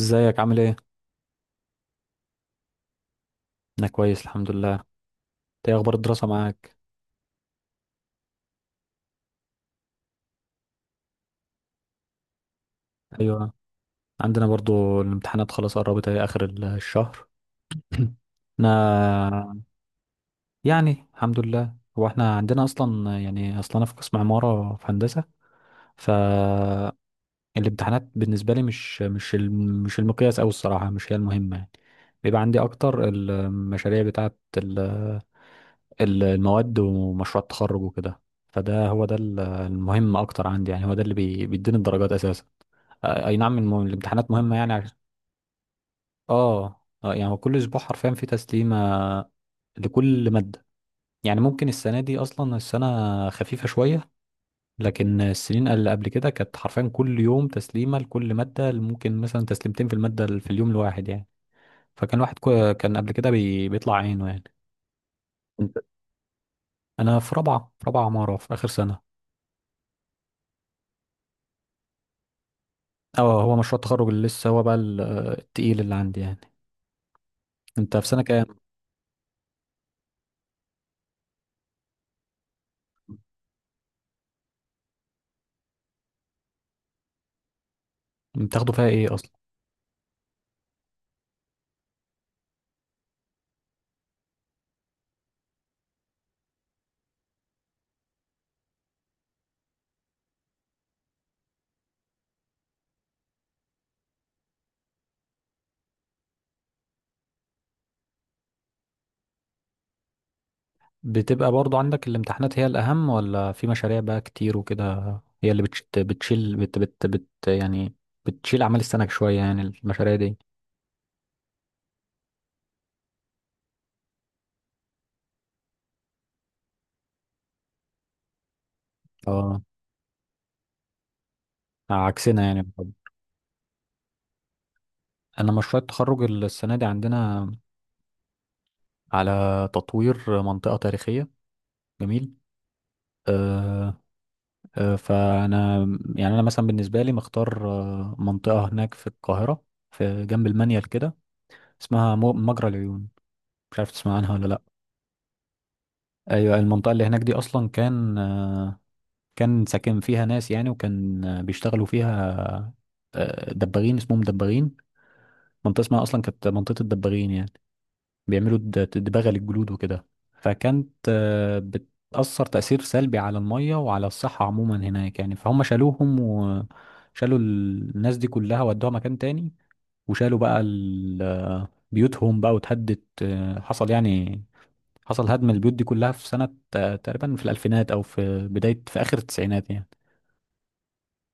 ازيك عامل ايه؟ انا كويس الحمد لله، انت ايه اخبار الدراسة معاك؟ ايوه، عندنا برضو الامتحانات خلاص قربت اهي اخر الشهر. انا يعني الحمد لله. هو احنا عندنا اصلا انا في قسم عمارة في هندسة. فالامتحانات بالنسبة لي مش المقياس اوي الصراحة، مش هي المهمة يعني. بيبقى عندي اكتر المشاريع بتاعت المواد ومشروع التخرج وكده. فده هو ده المهم اكتر عندي، يعني هو ده اللي بيديني الدرجات اساسا. اي نعم، الامتحانات مهمة يعني اه. يعني هو كل اسبوع حرفيا في تسليمة لكل مادة. يعني ممكن السنة دي اصلا السنة خفيفة شوية، لكن السنين اللي قبل كده كانت حرفيا كل يوم تسليمة لكل مادة، ممكن مثلا تسليمتين في المادة في اليوم الواحد يعني. فكان واحد كان قبل كده بيطلع عينه يعني. انت انا في رابعة عمارة في اخر سنة. اه، هو مشروع التخرج اللي لسه هو بقى التقيل اللي عندي يعني. انت في سنة كام؟ بتاخده فيها ايه؟ بتبقى برضو عندك الامتحانات هي الأهم، ولا في مشاريع بقى كتير وكده؟ هي اللي بتشت بتشيل بت بت بت يعني، بتشيل أعمال السنة شوية يعني المشاريع دي. اه، عكسنا يعني بالظبط. أنا مشروع التخرج السنة دي عندنا على تطوير منطقة تاريخية. جميل. آه فأنا يعني، أنا مثلا بالنسبة لي مختار منطقة هناك في القاهرة، في جنب المنيل كده، اسمها مجرى العيون. مش عارف تسمع عنها ولا لأ. ايوه، المنطقه اللي هناك دي اصلا كان ساكن فيها ناس يعني، وكان بيشتغلوا فيها دباغين، اسمهم دباغين. منطقة اسمها أصلا كانت منطقة الدباغين يعني. بيعملوا دباغة للجلود وكده، فكانت بتأثر تأثير سلبي على المية وعلى الصحة عموما هناك يعني، فهم شالوهم وشالوا الناس دي كلها ودوها مكان تاني، وشالوا بقى بيوتهم بقى واتهدت، حصل يعني، حصل هدم البيوت دي كلها في سنة تقريبا في الألفينات أو في بداية في آخر التسعينات يعني.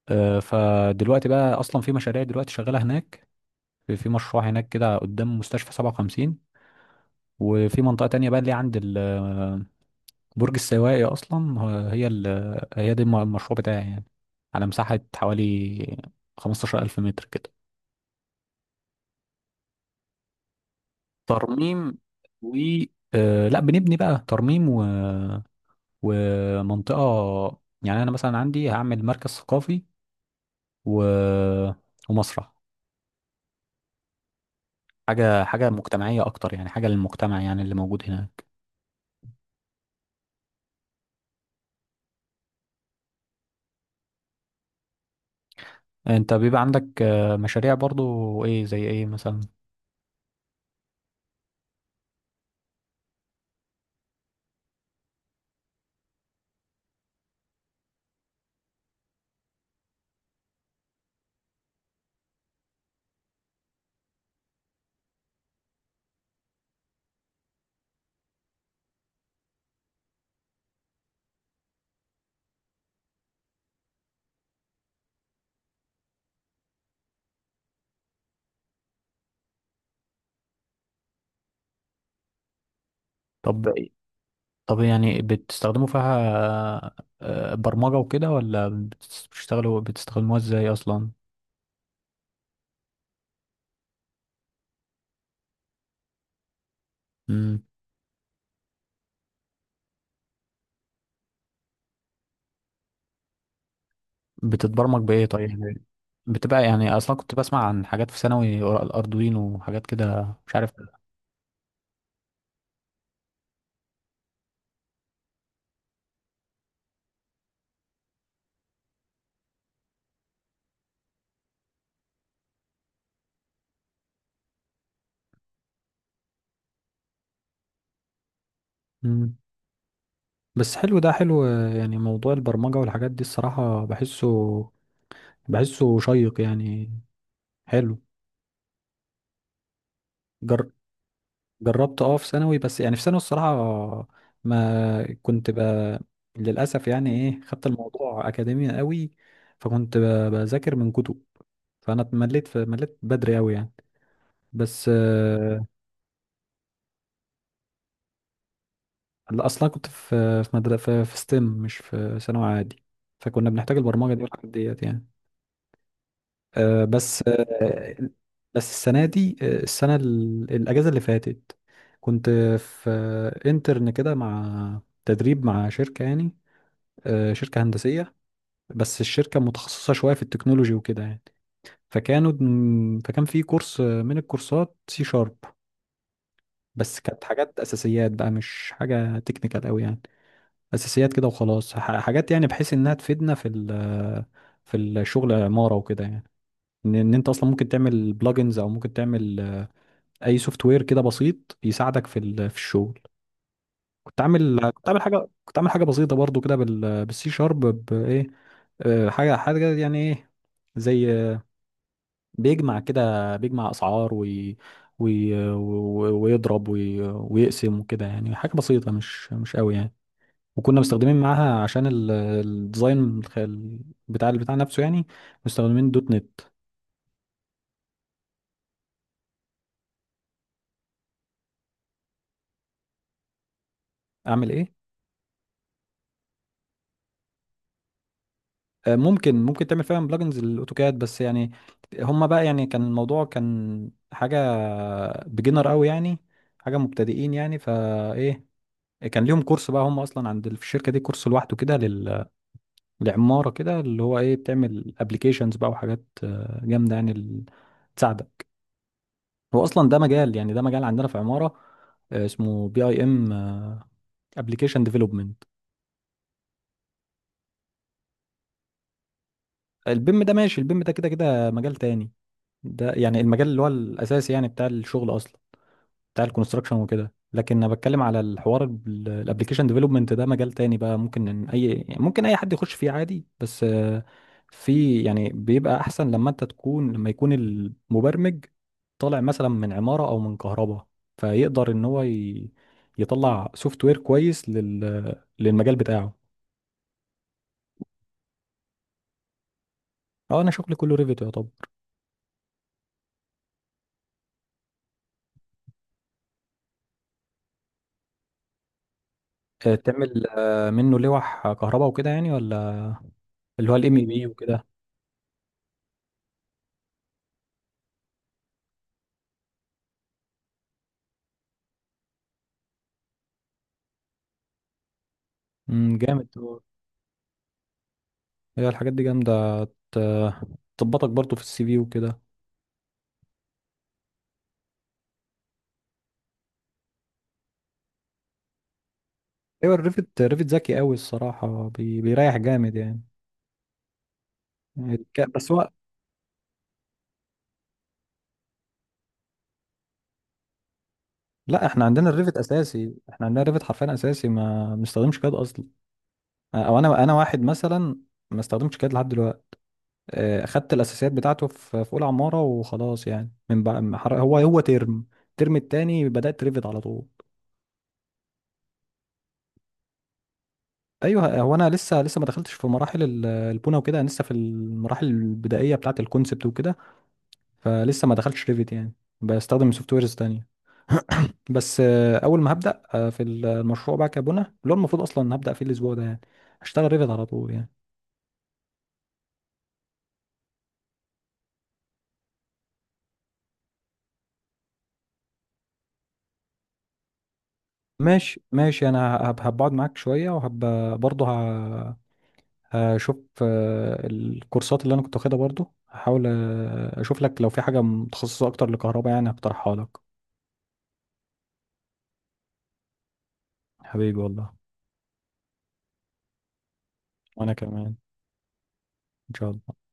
فدلوقتي بقى اصلا في مشاريع دلوقتي شغاله هناك، في مشروع هناك كده قدام مستشفى 57، وفي منطقه تانية بقى اللي هي عند برج السواقي. اصلا هي دي المشروع بتاعي يعني، على مساحه حوالي 15000 متر كده. ترميم و آه، لا، بنبني بقى، ترميم ومنطقه يعني، انا مثلا عندي هعمل مركز ثقافي و... ومسرح، حاجه مجتمعيه اكتر يعني، حاجه للمجتمع يعني اللي موجود هنا. انت بيبقى عندك مشاريع برضو ايه، زي ايه مثلا؟ طب زي طب يعني بتستخدموا فيها آه، برمجة وكده، ولا بتشتغلوا بتستخدموها ازاي اصلا؟ مم. بتتبرمج بايه طيب يعني؟ بتبقى يعني اصلا كنت بسمع عن حاجات في ثانوي ورا الاردوينو وحاجات كده مش عارف. مم. بس حلو، ده حلو، يعني موضوع البرمجة والحاجات دي الصراحة بحسه شيق يعني. حلو. جر... جربت، اه، في ثانوي، بس يعني في ثانوي الصراحة ما كنت بقى للأسف يعني، ايه، خدت الموضوع أكاديمي قوي، فكنت بذاكر من كتب، فأنا اتمليت في مليت بدري قوي يعني. بس لا، أصلا كنت في مدرسة في ستيم، مش في ثانوي عادي، فكنا بنحتاج البرمجة دي والحاجات ديت يعني. آه، بس آه، بس السنة دي السنة الأجازة اللي فاتت، كنت في انترن كده، مع تدريب مع شركة يعني، شركة هندسية، بس الشركة متخصصة شوية في التكنولوجي وكده يعني. فكانوا فكان في كورس، من الكورسات سي شارب، بس كانت حاجات أساسيات بقى، مش حاجة تكنيكال أوي يعني، أساسيات كده وخلاص، حاجات يعني بحيث إنها تفيدنا في في الشغل عمارة وكده يعني، إن أنت أصلا ممكن تعمل بلجنز، أو ممكن تعمل أي سوفت وير كده بسيط يساعدك في في الشغل. كنت عامل حاجة بسيطة برضو كده بالسي شارب بإيه. حاجة يعني إيه، زي، بيجمع كده، بيجمع اسعار وي... و- ويضرب ويقسم وكده، يعني حاجه بسيطه مش قوي يعني، وكنا مستخدمين معاها عشان الديزاين بتاع البتاع نفسه يعني، مستخدمين دوت نت. اعمل ايه؟ ممكن تعمل فعلا بلجنز للاوتوكاد، بس يعني هما بقى يعني كان الموضوع كان حاجه بيجنر قوي يعني، حاجه مبتدئين يعني، فايه كان ليهم كورس بقى، هم اصلا عند في الشركه دي كورس لوحده كده لعمارة، كده اللي هو ايه، بتعمل ابلكيشنز بقى وحاجات جامدة يعني تساعدك. هو اصلا ده مجال، يعني ده مجال عندنا في عمارة، اسمه بي اي ام، ابلكيشن ديفلوبمنت. البيم ده كده كده مجال تاني، ده يعني المجال اللي هو الاساسي يعني بتاع الشغل اصلا، بتاع الكونستراكشن وكده، لكن انا بتكلم على الحوار الابلكيشن ديفلوبمنت، ده مجال تاني بقى، ممكن اي حد يخش فيه عادي، بس في يعني، بيبقى احسن لما انت تكون لما يكون المبرمج طالع مثلا من عمارة او من كهرباء، فيقدر ان هو يطلع سوفت وير كويس للمجال بتاعه. اه، انا شغلي كله ريفيت يا طب. تعمل منه لوح كهرباء وكده يعني، ولا اللي هو الام اي بي وكده؟ مم، جامد. هي الحاجات دي جامدة، ت- تظبطك برضو في السي في وكده. ايوه، ريفت ذكي قوي الصراحة، بيريح جامد يعني. بس هو، لا، احنا عندنا الريفت اساسي، احنا عندنا الريفت حرفيا اساسي، ما بنستخدمش كاد اصلا، او انا واحد مثلا ما استخدمش كاد لحد دلوقتي، اخدت الاساسيات بتاعته في اولى عمارة وخلاص يعني، من بقى هو الترم التاني بدأت ريفت على طول. ايوه، هو انا لسه ما دخلتش في مراحل البونه وكده، انا لسه في المراحل البدائيه بتاعه الكونسبت وكده، فلسه ما دخلتش ريفيت يعني، بستخدم سوفت ويرز تانية، بس اول ما هبدا في المشروع بقى كبنى اللي هو المفروض اصلا هبدا فيه الاسبوع ده يعني، هشتغل ريفيت على طول يعني. ماشي ماشي، انا هبقعد معاك شويه، برضه هشوف الكورسات اللي انا كنت واخدها، برضه هحاول اشوف لك لو في حاجه متخصصه اكتر لكهرباء يعني، هقترحها لك. حبيبي والله. وانا كمان، ان شاء الله.